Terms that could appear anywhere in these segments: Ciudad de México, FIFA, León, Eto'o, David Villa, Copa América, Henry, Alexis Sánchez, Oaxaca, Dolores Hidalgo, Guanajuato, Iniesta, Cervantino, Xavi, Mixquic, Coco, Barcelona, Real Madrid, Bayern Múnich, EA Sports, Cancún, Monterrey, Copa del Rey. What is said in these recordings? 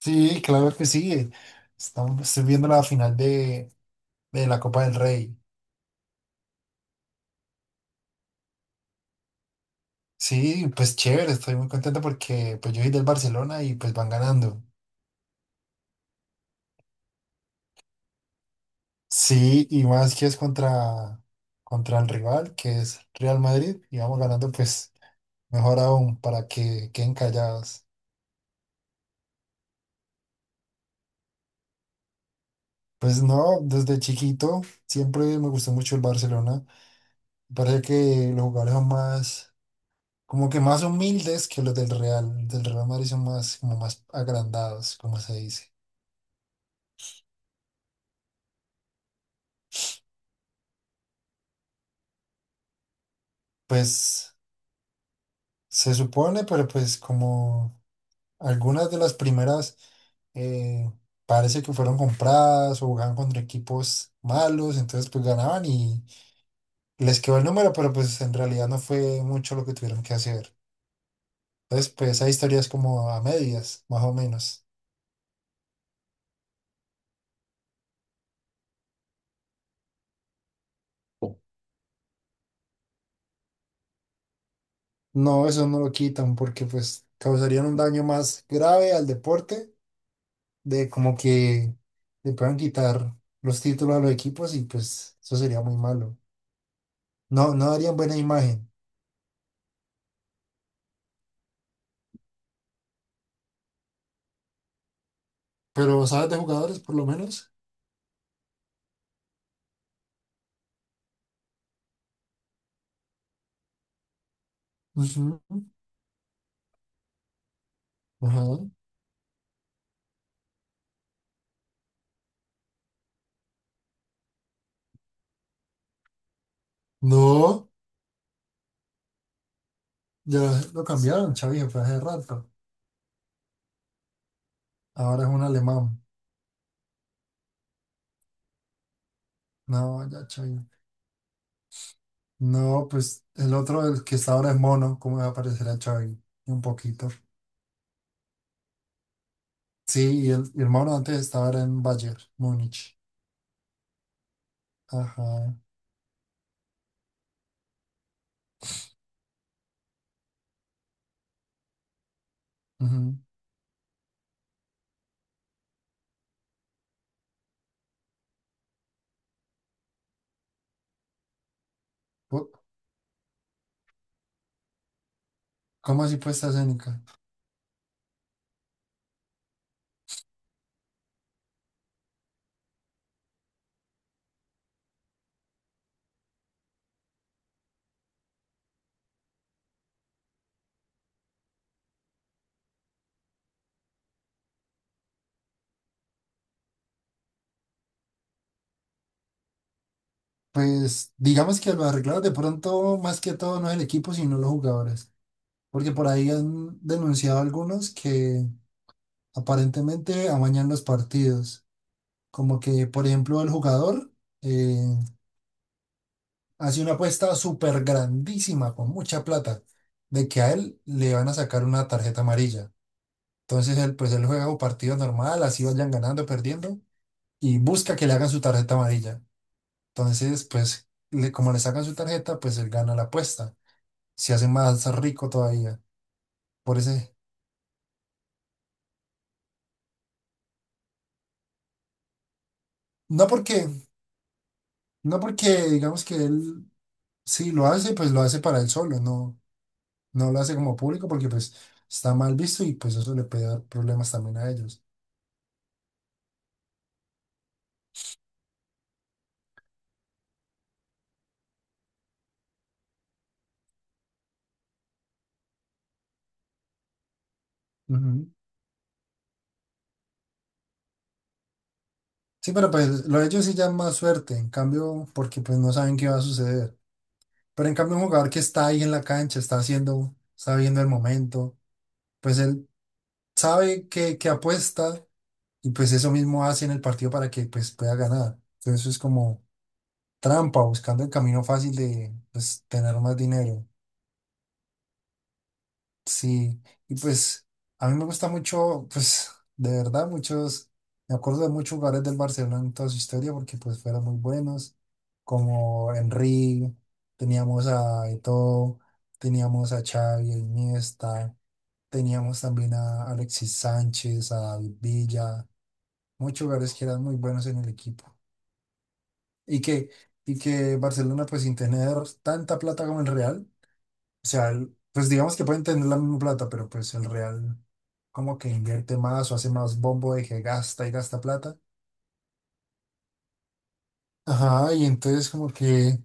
Sí, claro que sí. Estoy viendo la final de la Copa del Rey. Sí, pues chévere, estoy muy contento porque pues yo soy del Barcelona y pues van ganando. Sí, y más que es contra el rival, que es Real Madrid, y vamos ganando pues mejor aún para que queden callados. Pues no, desde chiquito siempre me gustó mucho el Barcelona. Parece que los jugadores son más, como que más humildes que los del Real Madrid son más, como más agrandados, como se dice. Pues se supone, pero pues como algunas de las primeras eh, parece que fueron compradas o jugaban contra equipos malos, entonces pues ganaban y les quedó el número, pero pues en realidad no fue mucho lo que tuvieron que hacer. Entonces pues esa historia es como a medias, más o menos. No, eso no lo quitan porque pues causarían un daño más grave al deporte de como que le puedan quitar los títulos a los equipos y pues eso sería muy malo. No, no darían buena imagen. Pero ¿sabes de jugadores por lo menos? Ujú, ajá. No, ya lo cambiaron, Xavi se fue hace rato. Ahora es un alemán. No, ya Xavi. No, pues el otro, el que está ahora es Mono, ¿cómo va a aparecer a Xavi? Un poquito. Sí, y el Mono antes estaba ahora en Bayern, Múnich. Ajá. Ujú. Co- ¿Cómo así puesta escénica? Pues digamos que lo arreglaron de pronto más que todo no es el equipo, sino los jugadores. Porque por ahí han denunciado algunos que aparentemente amañan los partidos. Como que, por ejemplo, el jugador eh, hace una apuesta súper grandísima, con mucha plata, de que a él le van a sacar una tarjeta amarilla. Entonces él, pues él juega un partido normal, así vayan ganando, perdiendo, y busca que le hagan su tarjeta amarilla. Entonces, pues, como le sacan su tarjeta, pues él gana la apuesta. Se hace más rico todavía. Por ese, no porque, no porque digamos que él sí lo hace, pues lo hace para él solo, no, no lo hace como público porque pues está mal visto y pues eso le puede dar problemas también a ellos. Ujú. Sí, pero pues lo de ellos sí ya es más suerte, en cambio, porque pues no saben qué va a suceder. Pero en cambio un jugador que está ahí en la cancha, está viendo el momento, pues él sabe que apuesta y pues eso mismo hace en el partido para que pues pueda ganar. Entonces es como trampa, buscando el camino fácil de pues, tener más dinero. Sí, y pues a mí me gusta mucho, pues de verdad, muchos, me acuerdo de muchos jugadores del Barcelona en toda su historia porque pues fueron muy buenos, como Henry, teníamos a Eto'o, teníamos a Xavi, a Iniesta, teníamos también a Alexis Sánchez, a David Villa, muchos jugadores que eran muy buenos en el equipo. Y que, y que Barcelona pues sin tener tanta plata como el Real. O sea, pues digamos que pueden tener la misma plata, pero pues el Real como que invierte más o hace más bombo de que gasta y gasta plata. Ajá, y entonces como que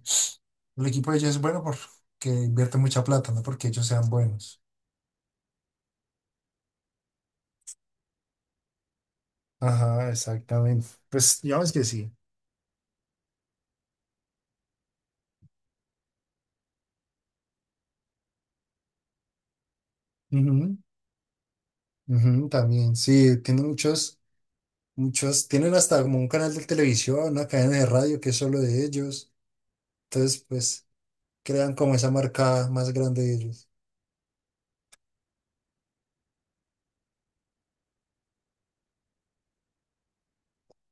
el equipo de ellos es bueno porque invierte mucha plata, no porque ellos sean buenos. Ajá, exactamente. Pues digamos que sí. Ujú, ujú, también, sí, tienen muchos, muchos, tienen hasta como un canal de televisión, una cadena de radio que es solo de ellos. Entonces, pues crean como esa marca más grande de ellos.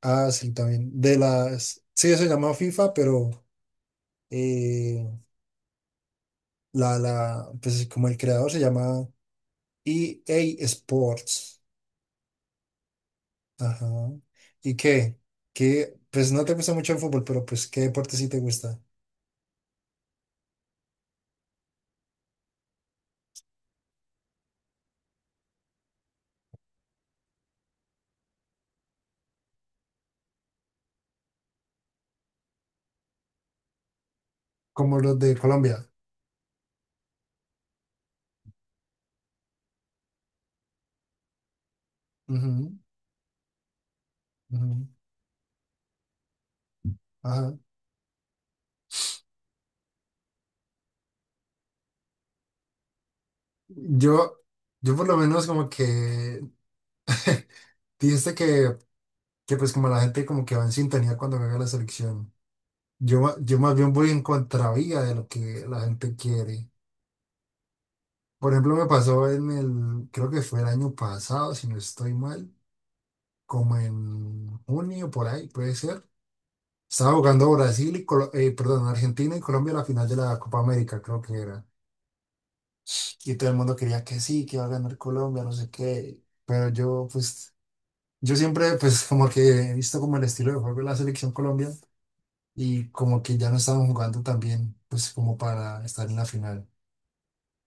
Ah, sí, también. De las. Sí, se llama FIFA, pero eh, pues como el creador se llama EA Sports. Ajá. ¿Y qué? ¿Qué? Pues no te gusta mucho el fútbol, pero pues ¿qué deporte sí te gusta? Como los de Colombia. Ujú, ujú, ajá. Yo, yo por lo menos como que dijiste que pues como la gente como que va en sintonía cuando juega la selección. Yo, yo más bien voy en contravía de lo que la gente quiere. Por ejemplo, me pasó en el, creo que fue el año pasado, si no estoy mal, como en junio por ahí, puede ser. Estaba jugando perdón, Argentina y Colombia a la final de la Copa América, creo que era. Y todo el mundo quería que sí, que iba a ganar Colombia, no sé qué. Pero yo, pues, yo siempre, pues, como que he visto como el estilo de juego de la selección Colombia y como que ya no estaban jugando tan bien, pues, como para estar en la final.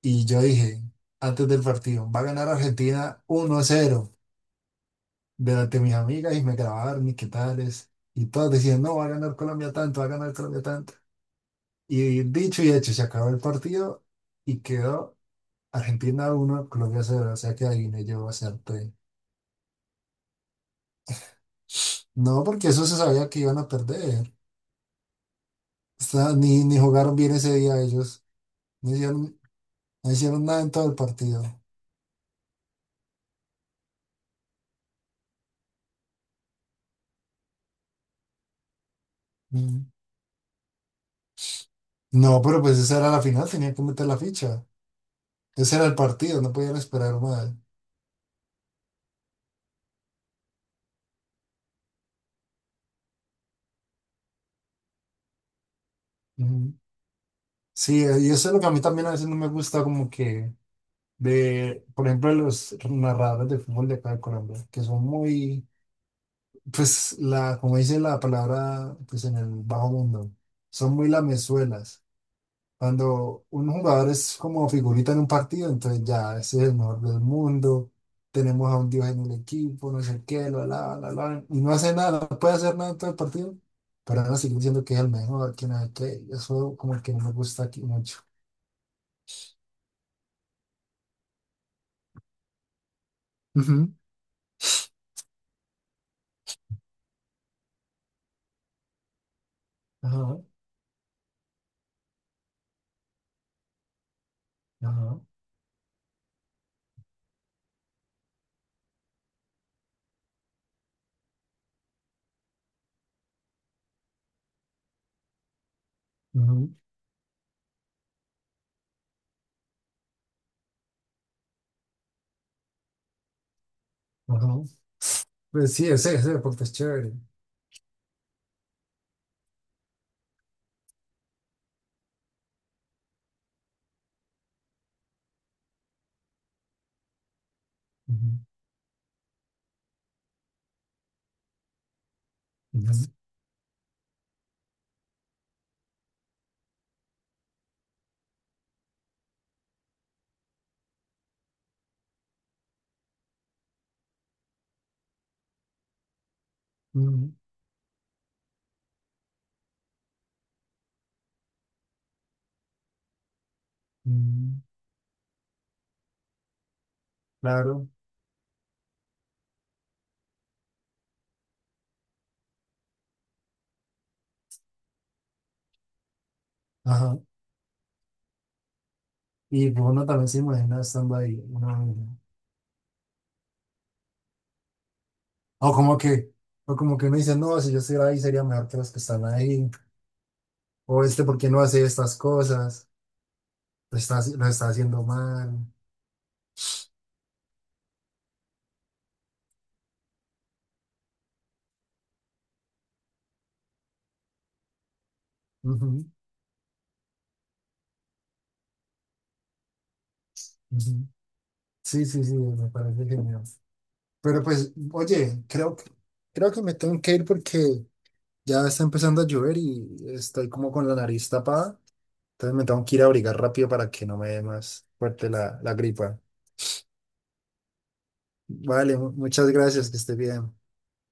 Y yo dije, antes del partido, va a ganar Argentina 1-0. Delante de mis amigas y me grabaron y qué tales. Y todas decían, no, va a ganar Colombia tanto, va a ganar Colombia tanto. Y dicho y hecho, se acabó el partido y quedó Argentina 1 Colombia 0. O sea que adiviné, yo acerté. No, porque eso se sabía que iban a perder. O sea, ni jugaron bien ese día ellos. No hicieron, no hicieron nada en todo el partido. Mm. No, pero pues esa era la final, tenían que meter la ficha. Ese era el partido, no podían esperar más. Ujú. Sí, y eso es lo que a mí también a veces no me gusta, como que de, por ejemplo, de los narradores de fútbol de acá de Colombia, que son muy, pues, la, como dice la palabra, pues en el bajo mundo, son muy lamezuelas. Cuando un jugador es como figurita en un partido, entonces ya, ese es el mejor del mundo, tenemos a un dios en el equipo, no sé qué, lo alaban, y no hace nada, no puede hacer nada en todo el partido, pero ahora siguen diciendo que es el mejor, que no sé qué, y eso como que no me gusta aquí mucho. Ujú. Ajá, ajá, ujú, ajá. Pues sí, ese deporte es chévere. Ujú, ujú, ujú, ujú, claro, ajá. Y pues, uno también se imagina estando ahí. O como que, o como que uno dice, no, si yo estuviera ahí sería mejor que los que están ahí. O este, ¿por qué no hace estas cosas? Lo está haciendo mal. Ujú, ujú. Sí, sí, sí, me parece genial. Pero pues, oye, creo creo que me tengo que ir porque ya está empezando a llover y estoy como con la nariz tapada. Entonces me tengo que ir a abrigar rápido para que no me dé más fuerte la gripa. Vale, muchas gracias, que esté bien.